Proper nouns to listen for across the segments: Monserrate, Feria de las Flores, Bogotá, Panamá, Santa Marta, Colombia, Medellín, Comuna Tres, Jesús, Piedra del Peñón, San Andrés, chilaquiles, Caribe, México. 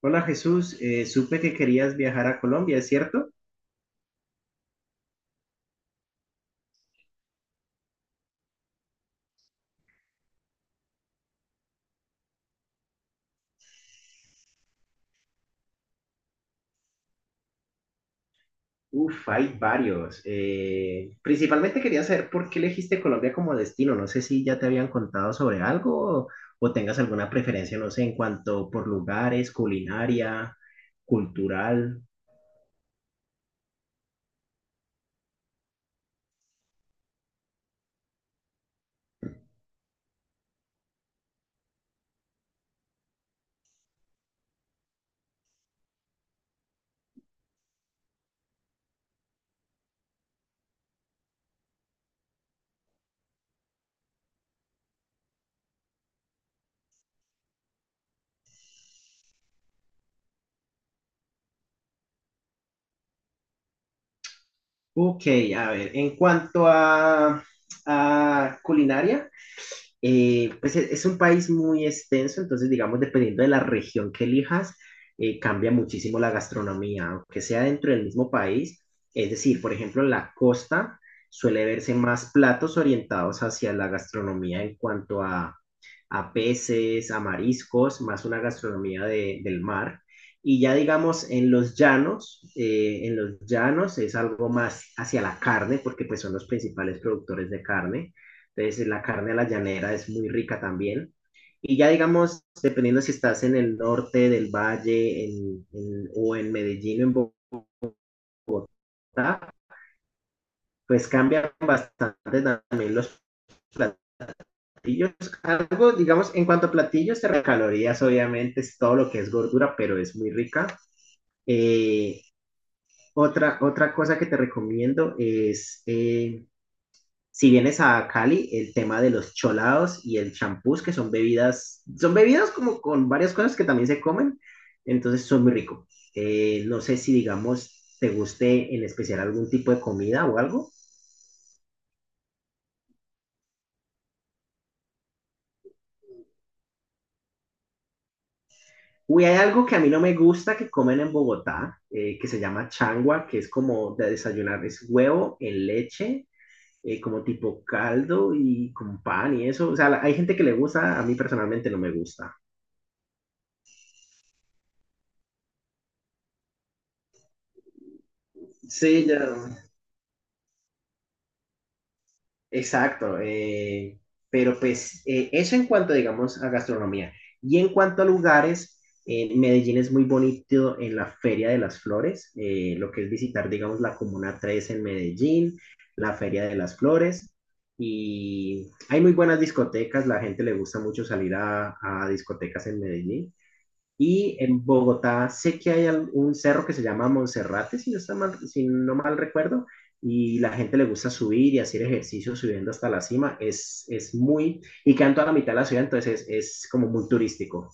Hola Jesús, supe que querías viajar a Colombia, ¿es cierto? Uf, hay varios. Principalmente quería saber por qué elegiste Colombia como destino. No sé si ya te habían contado sobre algo o tengas alguna preferencia, no sé, en cuanto por lugares, culinaria, cultural. Ok, a ver, en a culinaria. Es un país muy extenso, entonces digamos, dependiendo de la región que elijas, cambia muchísimo la gastronomía, aunque sea dentro del mismo país. Es decir, por ejemplo, en la costa suele verse más platos orientados hacia la gastronomía en cuanto a peces, a mariscos, más una gastronomía del mar. Y ya digamos, en los llanos es algo más hacia la carne, porque pues son los principales productores de carne. Entonces la carne de la llanera es muy rica también. Y ya digamos, dependiendo si estás en el norte del valle o en Medellín o en Bogotá, pues cambian bastante también los platillos. Algo, digamos, en cuanto a platillos, calorías obviamente es todo lo que es gordura, pero es muy rica. Eh, otra cosa que te recomiendo es si vienes a Cali, el tema de los cholados y el champús, que son bebidas como con varias cosas que también se comen, entonces son muy rico. No sé si, digamos, te guste en especial algún tipo de comida o algo. Uy, hay algo que a mí no me gusta que comen en Bogotá, que se llama changua, que es como de desayunar, es huevo en leche, como tipo caldo y con pan y eso. O sea, hay gente que le gusta, a mí personalmente no me gusta. Sí, ya. Exacto, pero pues eso en cuanto, digamos, a gastronomía. Y en cuanto a lugares, Medellín es muy bonito en la Feria de las Flores, lo que es visitar, digamos, la Comuna Tres en Medellín, la Feria de las Flores, y hay muy buenas discotecas, la gente le gusta mucho salir a discotecas en Medellín. Y en Bogotá sé que hay un cerro que se llama Monserrate, si no, está mal, si no mal recuerdo, y la gente le gusta subir y hacer ejercicio subiendo hasta la cima. Es muy, y quedan toda la mitad de la ciudad, entonces es como muy turístico.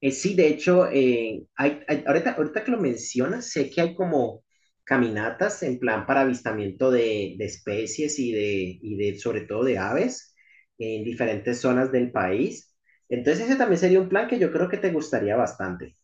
Sí, de hecho, ahorita que lo mencionas, sé que hay como caminatas en plan para avistamiento de especies y de sobre todo de aves en diferentes zonas del país. Entonces ese también sería un plan que yo creo que te gustaría bastante.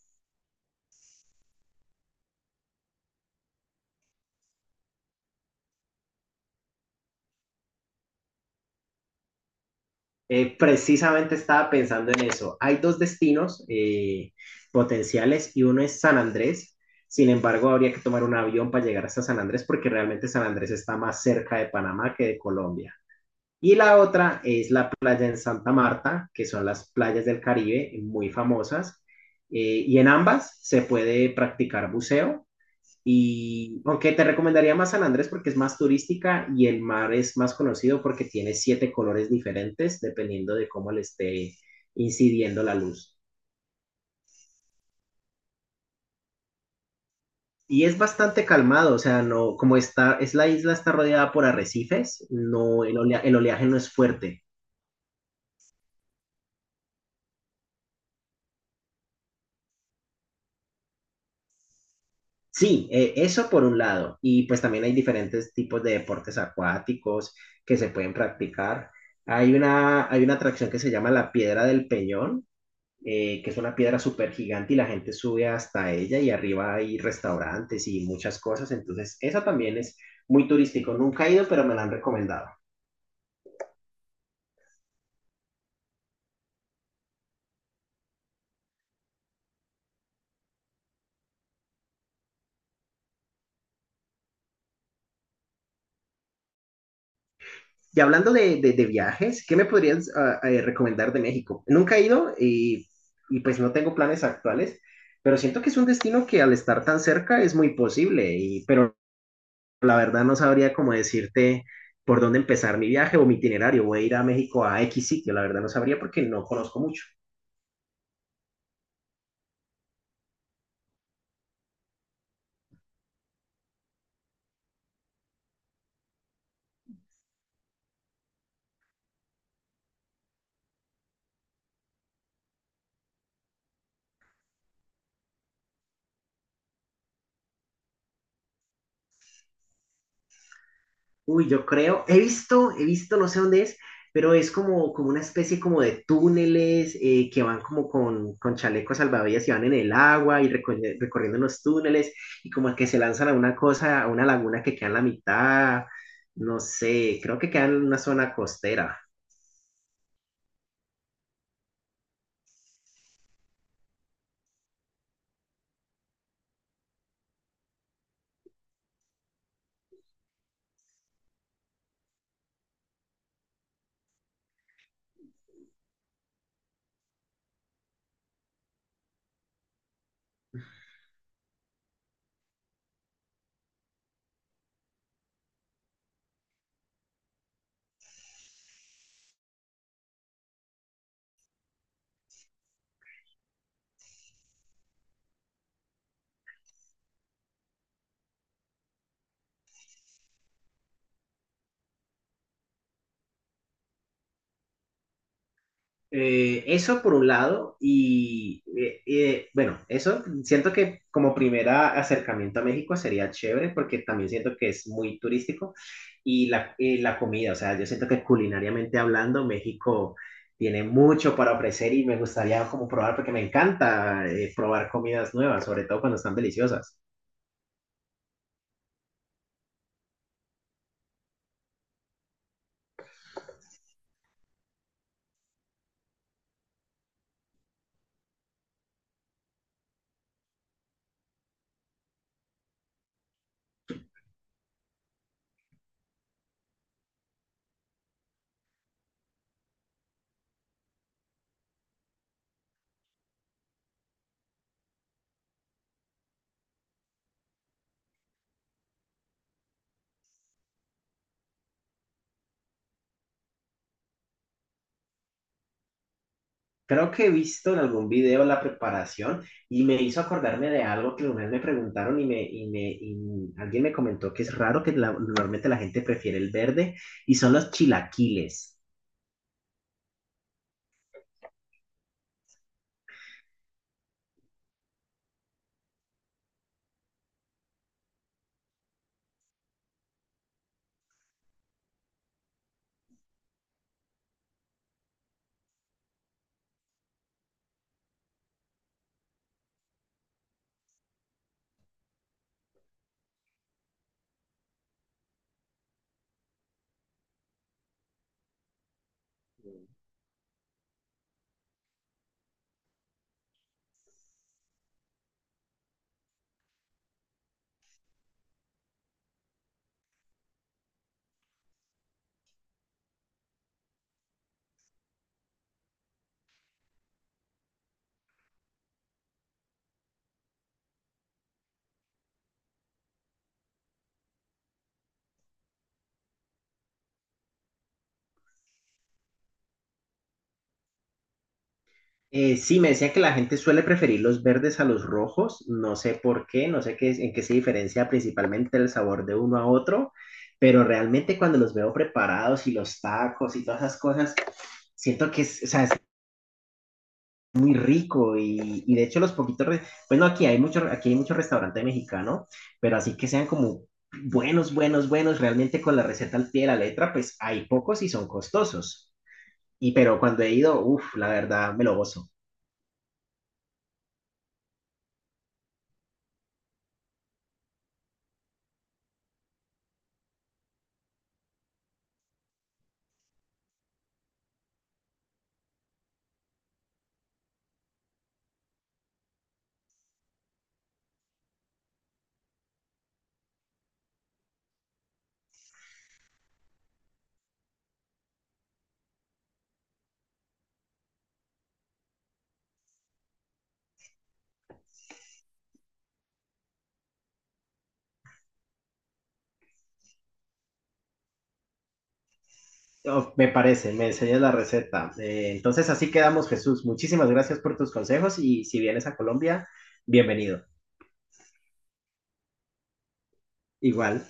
Precisamente estaba pensando en eso. Hay dos destinos potenciales y uno es San Andrés. Sin embargo, habría que tomar un avión para llegar hasta San Andrés porque realmente San Andrés está más cerca de Panamá que de Colombia. Y la otra es la playa en Santa Marta, que son las playas del Caribe muy famosas. Y en ambas se puede practicar buceo. Y aunque te recomendaría más San Andrés porque es más turística y el mar es más conocido porque tiene siete colores diferentes dependiendo de cómo le esté incidiendo la luz. Y es bastante calmado, o sea, no, como está, es la isla está rodeada por arrecifes, no, el oleaje no es fuerte. Sí, eso por un lado. Y pues también hay diferentes tipos de deportes acuáticos que se pueden practicar. Hay una atracción que se llama la Piedra del Peñón, que es una piedra súper gigante y la gente sube hasta ella y arriba hay restaurantes y muchas cosas. Entonces, esa también es muy turístico. Nunca he ido, pero me la han recomendado. Y hablando de viajes, ¿qué me podrías recomendar de México? Nunca he ido y pues no tengo planes actuales, pero siento que es un destino que al estar tan cerca es muy posible, y, pero la verdad no sabría cómo decirte por dónde empezar mi viaje o mi itinerario. Voy a ir a México a X sitio, la verdad no sabría porque no conozco mucho. Uy, yo creo, he visto, no sé dónde es, pero es como, como una especie como de túneles que van como con chalecos salvavidas y van en el agua y recorriendo los túneles y como que se lanzan a una cosa, a una laguna que queda en la mitad, no sé, creo que queda en una zona costera. Eso por un lado, y bueno, eso siento que como primera acercamiento a México sería chévere porque también siento que es muy turístico y la comida, o sea, yo siento que culinariamente hablando, México tiene mucho para ofrecer y me gustaría como probar porque me encanta probar comidas nuevas, sobre todo cuando están deliciosas. Creo que he visto en algún video la preparación y me hizo acordarme de algo que una vez me preguntaron y alguien me comentó que es raro que normalmente la gente prefiere el verde y son los chilaquiles. Sí, me decía que la gente suele preferir los verdes a los rojos, no sé por qué, no sé qué, en qué se diferencia principalmente el sabor de uno a otro, pero realmente cuando los veo preparados y los tacos y todas esas cosas, siento que es, o sea, muy rico y de hecho los poquitos, aquí hay mucho restaurante mexicano, pero así que sean como buenos, realmente con la receta al pie de la letra, pues hay pocos y son costosos. Y pero cuando he ido, uff, la verdad, me lo gozo. Oh, me parece, me enseñas la receta. Entonces así quedamos, Jesús. Muchísimas gracias por tus consejos y si vienes a Colombia, bienvenido. Igual.